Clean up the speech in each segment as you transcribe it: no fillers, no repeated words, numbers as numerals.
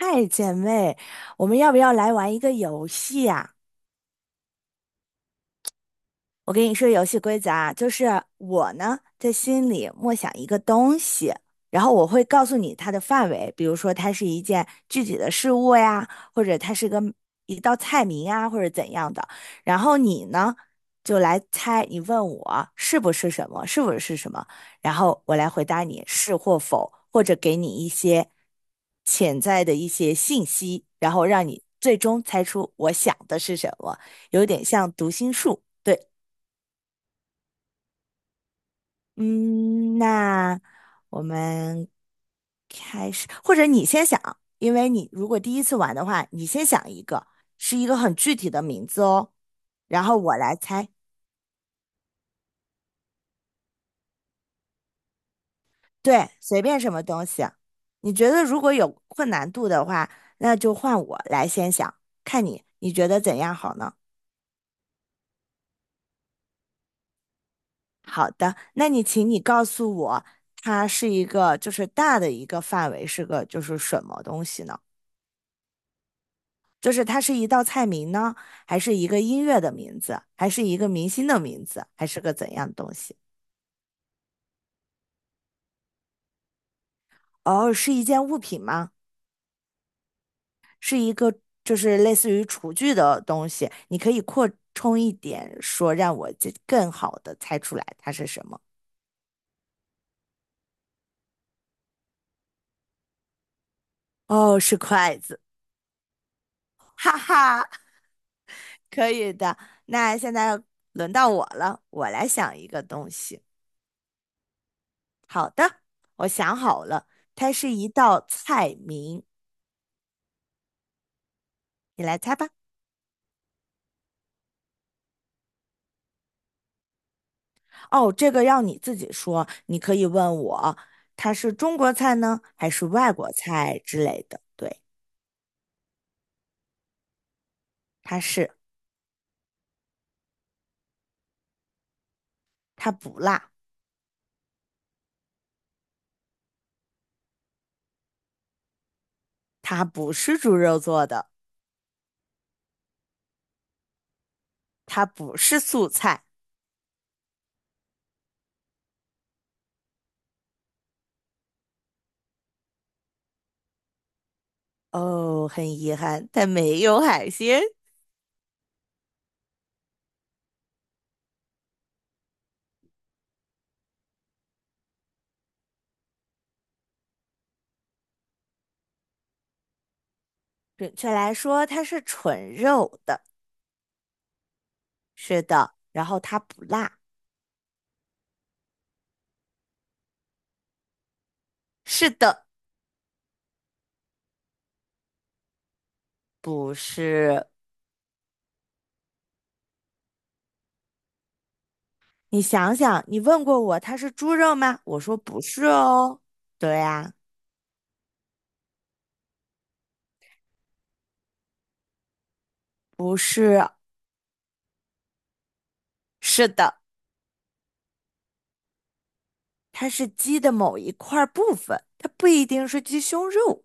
嗨，姐妹，我们要不要来玩一个游戏啊？我跟你说游戏规则啊，就是我呢在心里默想一个东西，然后我会告诉你它的范围，比如说它是一件具体的事物呀，或者它是个一道菜名啊，或者怎样的。然后你呢就来猜，你问我是不是什么，是不是什么，然后我来回答你是或否，或者给你一些潜在的一些信息，然后让你最终猜出我想的是什么，有点像读心术。对。嗯，那我们开始，或者你先想，因为你如果第一次玩的话，你先想一个，是一个很具体的名字哦，然后我来猜，对，随便什么东西。你觉得如果有困难度的话，那就换我来先想，看你觉得怎样好呢？好的，那你请你告诉我，它是一个就是大的一个范围是个就是什么东西呢？就是它是一道菜名呢，还是一个音乐的名字，还是一个明星的名字，还是个怎样的东西？哦，是一件物品吗？是一个就是类似于厨具的东西，你可以扩充一点说，让我这更好的猜出来它是什么。哦，是筷子，哈哈，可以的。那现在轮到我了，我来想一个东西。好的，我想好了，它是一道菜名，你来猜吧。哦，这个要你自己说，你可以问我，它是中国菜呢，还是外国菜之类的？对，它是，它不辣，它不是猪肉做的，它不是素菜。哦，很遗憾，它没有海鲜。准确来说，它是纯肉的。是的，然后它不辣。是的，不是。你想想，你问过我它是猪肉吗？我说不是哦。对呀，不是。是的。它是鸡的某一块部分，它不一定是鸡胸肉。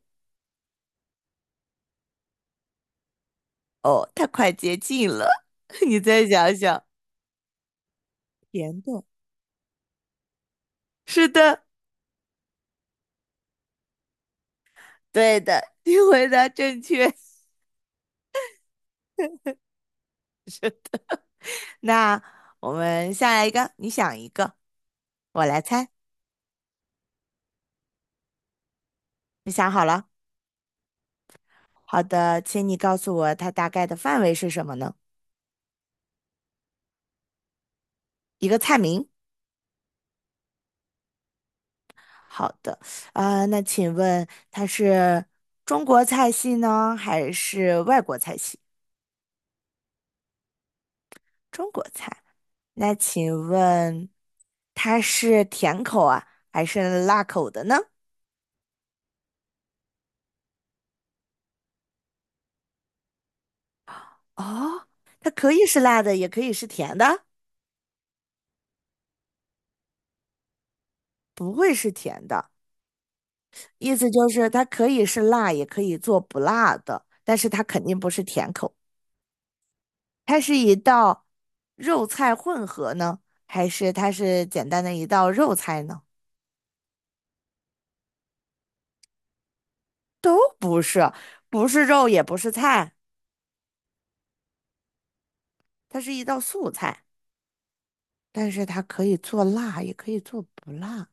哦，它快接近了，你再想想。甜的，是的，对的，你回答正确。那我们下来一个，你想一个，我来猜。你想好了？好的，请你告诉我它大概的范围是什么呢？一个菜名。好的，啊、那请问它是中国菜系呢，还是外国菜系？中国菜。那请问它是甜口啊，还是辣口的呢？哦，它可以是辣的，也可以是甜的，不会是甜的。意思就是它可以是辣，也可以做不辣的，但是它肯定不是甜口。它是一道肉菜混合呢，还是它是简单的一道肉菜呢？不是，不是肉，也不是菜，它是一道素菜。但是它可以做辣，也可以做不辣。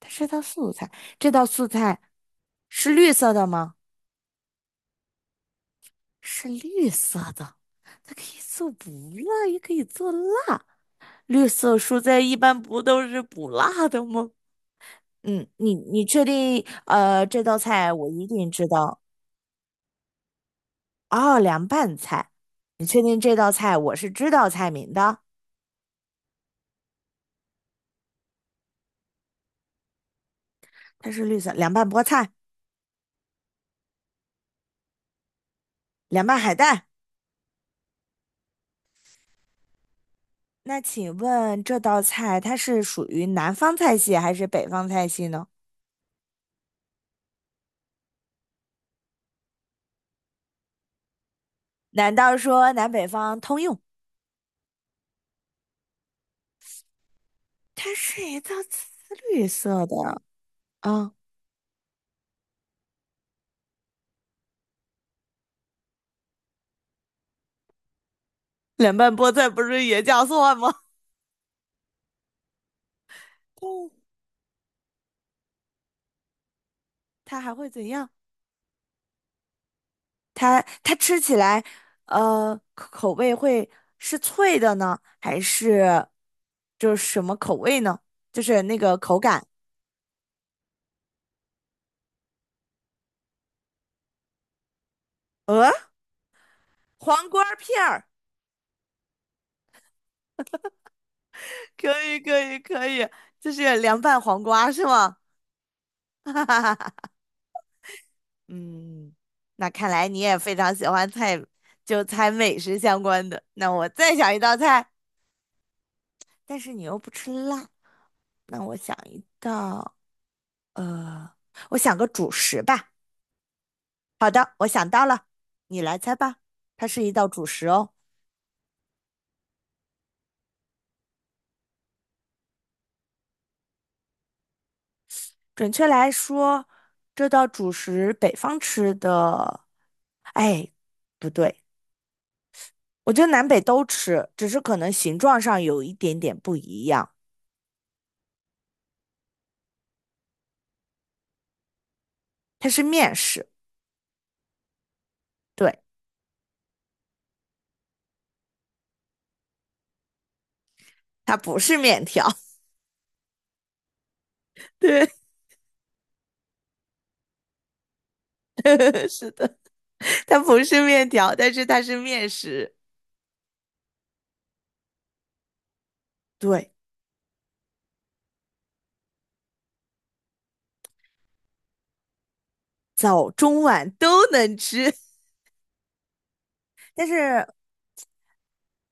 它是道素菜，这道素菜是绿色的吗？是绿色的，它可以做不辣，也可以做辣。绿色蔬菜一般不都是不辣的吗？嗯，你确定？这道菜我一定知道。哦，凉拌菜，确定这道菜我是知道菜名的。它是绿色凉拌菠菜、凉拌海带。那请问这道菜它是属于南方菜系还是北方菜系呢？难道说南北方通用？它是一道紫绿色的啊，凉拌菠菜不是也叫蒜吗？哦，它还会怎样？它吃起来，口味会是脆的呢，还是就是什么口味呢？就是那个口感。呃，黄瓜片儿，可以可以可以，就是凉拌黄瓜是吗？嗯，那看来你也非常喜欢菜，就猜美食相关的。那我再想一道菜，但是你又不吃辣，那我想一道，呃，我想个主食吧。好的，我想到了，你来猜吧。它是一道主食哦，准确来说，这道主食北方吃的，哎，不对，我觉得南北都吃，只是可能形状上有一点点不一样。它是面食，对，它不是面条。对，是的，它不是面条，但是它是面食。对，早中晚都能吃，但是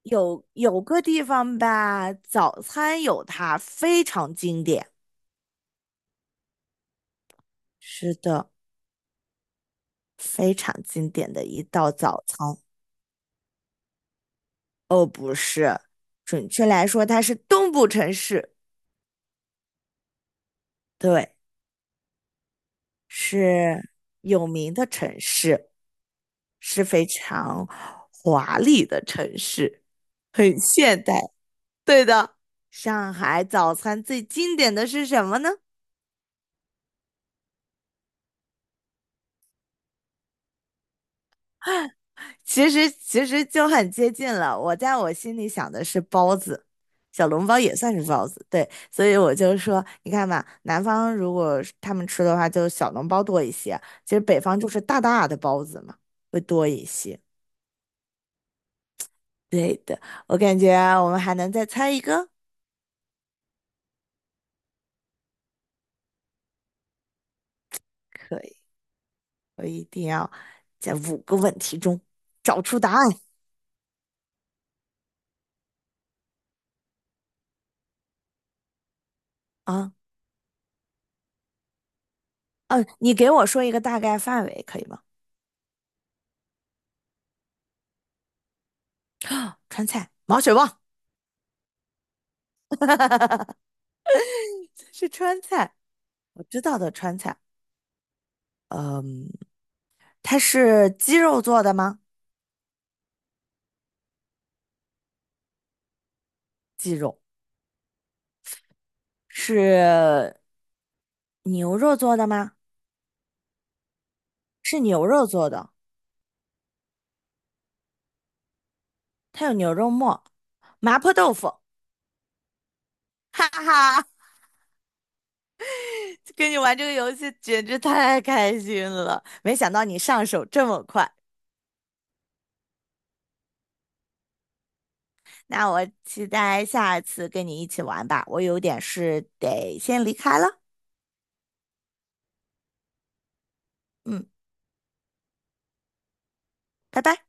有个地方吧，早餐有它非常经典。是的，非常经典的一道早餐。哦，不是，准确来说，它是东部城市，对，是有名的城市，是非常华丽的城市，很现代。对的，上海早餐最经典的是什么呢？其实就很接近了。我在我心里想的是包子，小笼包也算是包子，对。所以我就说，你看吧，南方如果是他们吃的话，就小笼包多一些；其实北方就是大大的包子嘛，会多一些。对的，我感觉我们还能再猜一个，可以，我一定要在5个问题中找出答案啊！嗯，你给我说一个大概范围可以吗？川菜，毛血旺 是川菜，我知道的川菜。嗯，它是鸡肉做的吗？鸡肉是牛肉做的吗？是牛肉做的，它有牛肉末、麻婆豆腐。哈哈，跟你玩这个游戏简直太开心了，没想到你上手这么快。那我期待下次跟你一起玩吧，我有点事得先离开了。嗯，拜拜。